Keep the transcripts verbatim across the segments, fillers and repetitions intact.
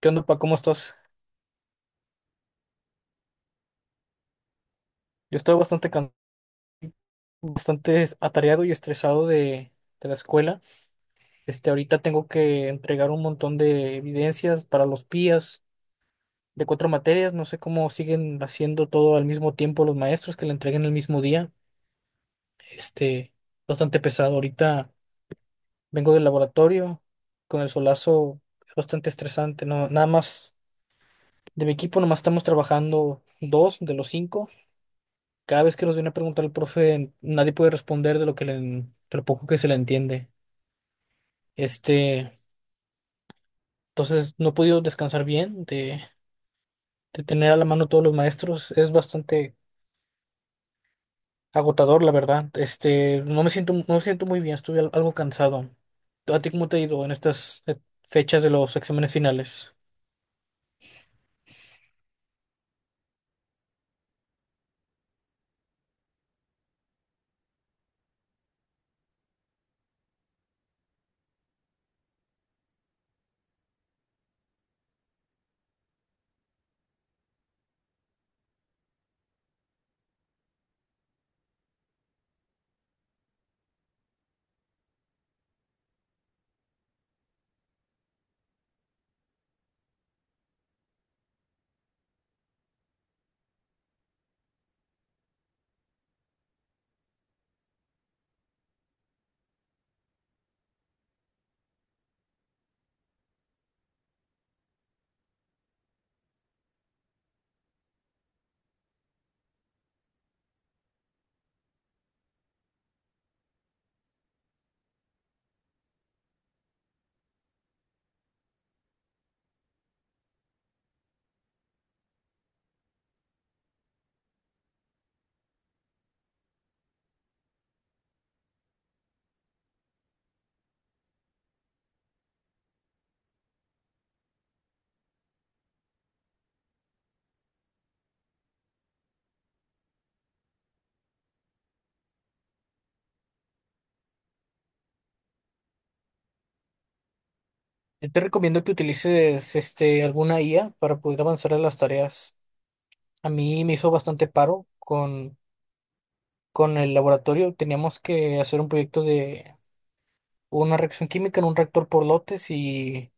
¿Qué onda, pa? ¿Cómo estás? Yo estoy bastante, can- bastante atareado y estresado de, de la escuela. Este, ahorita tengo que entregar un montón de evidencias para los pías de cuatro materias. No sé cómo siguen haciendo todo al mismo tiempo los maestros que la entreguen el mismo día. Este, Bastante pesado. Ahorita vengo del laboratorio con el solazo bastante estresante. No, nada más de mi equipo, nomás estamos trabajando dos de los cinco. Cada vez que nos viene a preguntar el profe, nadie puede responder de lo que le, de lo poco que se le entiende. Este, entonces no he podido descansar bien de, de tener a la mano todos los maestros. Es bastante agotador, la verdad. Este, no me siento, no me siento muy bien, estuve al- algo cansado. ¿A ti cómo te ha ido en estas eh, fechas de los exámenes finales? Yo te recomiendo que utilices este, alguna I A para poder avanzar en las tareas. A mí me hizo bastante paro con, con el laboratorio. Teníamos que hacer un proyecto de una reacción química en un reactor por lotes y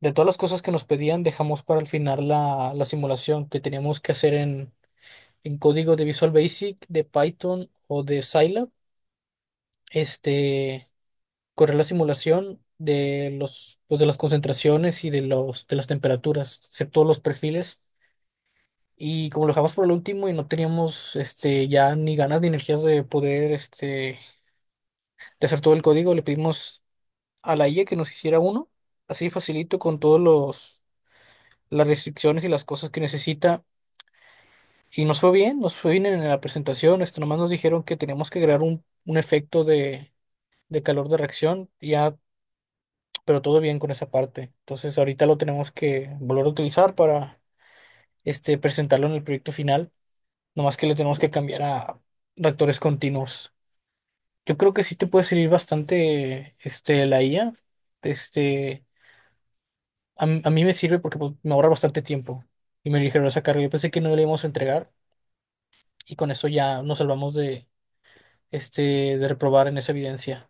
de todas las cosas que nos pedían dejamos para el final la, la simulación que teníamos que hacer en, en código de Visual Basic, de Python o de Scilab. Este, correr la simulación de los, pues, de las concentraciones y de los, de las temperaturas, hacer todos los perfiles. Y como lo dejamos por el último y no teníamos este, ya ni ganas ni energías de poder este, de hacer todo el código, le pedimos a la I A que nos hiciera uno, así facilito con todos los, las restricciones y las cosas que necesita. Y nos fue bien, nos fue bien en la presentación. Esto nomás nos dijeron que teníamos que crear un, un efecto de, de calor de reacción, y ya, pero todo bien con esa parte. Entonces ahorita lo tenemos que volver a utilizar para este, presentarlo en el proyecto final. Nomás que le tenemos que cambiar a reactores continuos. Yo creo que sí te puede servir bastante este, la I A. Este, a, m- a mí me sirve porque pues, me ahorra bastante tiempo y me dijeron esa carga. Yo pensé que no le íbamos a entregar y con eso ya nos salvamos de, este, de reprobar en esa evidencia.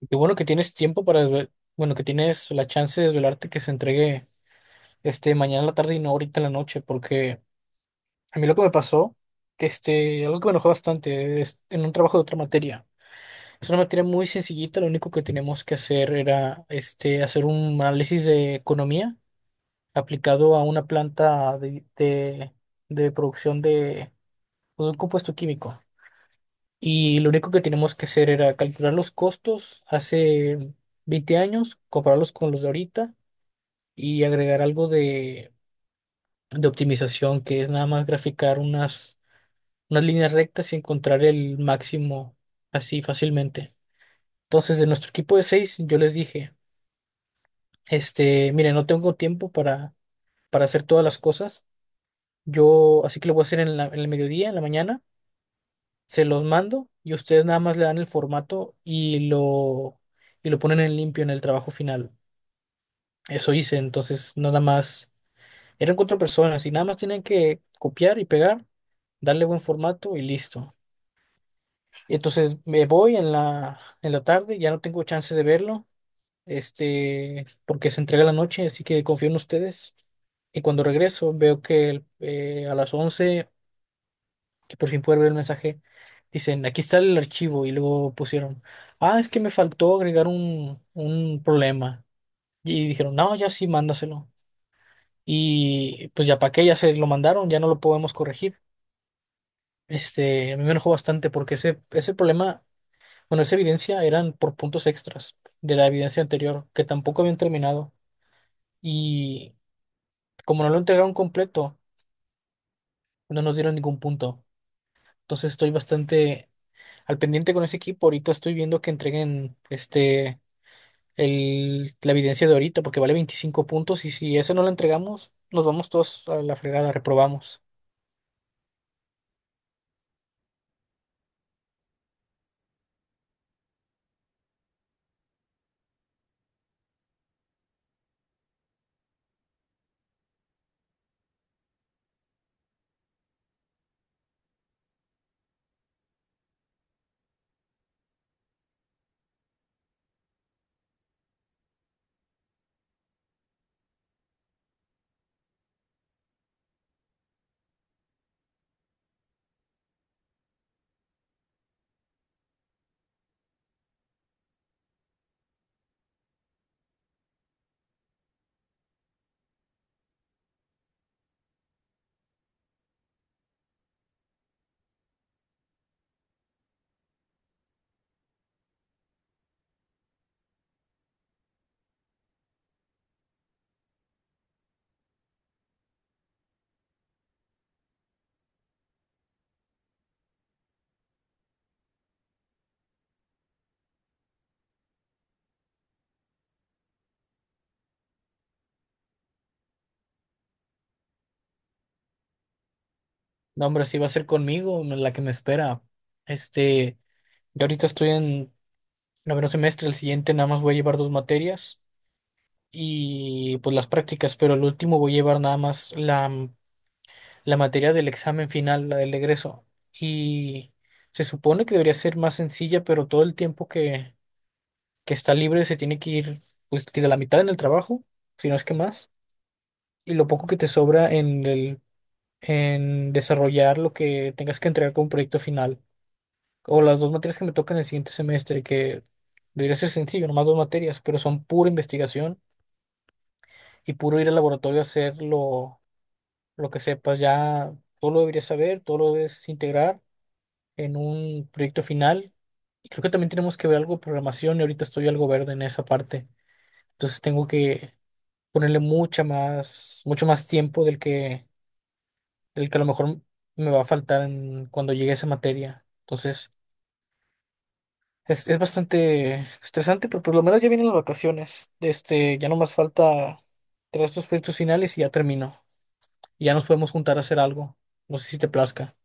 Y qué bueno que tienes tiempo para desve- bueno, que tienes la chance de desvelarte que se entregue este mañana en la tarde y no ahorita en la noche, porque a mí lo que me pasó, este, algo que me enojó bastante, es en un trabajo de otra materia. Es una materia muy sencillita, lo único que teníamos que hacer era este, hacer un análisis de economía aplicado a una planta de, de, de producción de, pues, un compuesto químico. Y lo único que tenemos que hacer era calcular los costos hace veinte años, compararlos con los de ahorita y agregar algo de, de optimización, que es nada más graficar unas, unas líneas rectas y encontrar el máximo así fácilmente. Entonces, de nuestro equipo de seis, yo les dije, este, miren, no tengo tiempo para, para hacer todas las cosas. Yo, así que lo voy a hacer en la- en el mediodía, en la mañana. Se los mando y ustedes nada más le dan el formato y lo, y lo ponen en limpio en el trabajo final. Eso hice, entonces nada más. Eran cuatro personas y nada más tienen que copiar y pegar, darle buen formato y listo. Y entonces me voy en la, en la tarde, ya no tengo chance de verlo, este, porque se entrega la noche, así que confío en ustedes. Y cuando regreso veo que eh, a las once que por fin pude ver el mensaje, dicen, aquí está el archivo y luego pusieron, ah, es que me faltó agregar un, un problema. Y dijeron, no, ya sí, mándaselo. Y pues ya para qué, ya se lo mandaron, ya no lo podemos corregir. Este, a mí me enojó bastante porque ese, ese problema, bueno, esa evidencia eran por puntos extras de la evidencia anterior que tampoco habían terminado. Y como no lo entregaron completo, no nos dieron ningún punto. Entonces estoy bastante al pendiente con ese equipo. Ahorita estoy viendo que entreguen este el, la evidencia de ahorita porque vale veinticinco puntos y si eso no lo entregamos, nos vamos todos a la fregada, reprobamos. No, hombre, así va a ser conmigo, la que me espera. Este, yo ahorita estoy en noveno semestre, el siguiente nada más voy a llevar dos materias y pues las prácticas, pero el último voy a llevar nada más la, la materia del examen final, la del egreso. Y se supone que debería ser más sencilla, pero todo el tiempo que, que está libre se tiene que ir, pues, digo, la mitad en el trabajo, si no es que más, y lo poco que te sobra en el, en desarrollar lo que tengas que entregar como proyecto final. O las dos materias que me tocan el siguiente semestre, que debería ser sencillo, nomás dos materias, pero son pura investigación y puro ir al laboratorio a hacer lo, lo que sepas. Ya todo lo deberías saber, todo lo debes integrar en un proyecto final. Y creo que también tenemos que ver algo de programación y ahorita estoy algo verde en esa parte. Entonces tengo que ponerle mucha más, mucho más tiempo del que, del que a lo mejor me va a faltar en- cuando llegue a esa materia. Entonces, es, es bastante estresante, pero por lo menos ya vienen las vacaciones. Este, ya no más falta traer estos proyectos finales y ya termino. Ya nos podemos juntar a hacer algo. No sé si te plazca.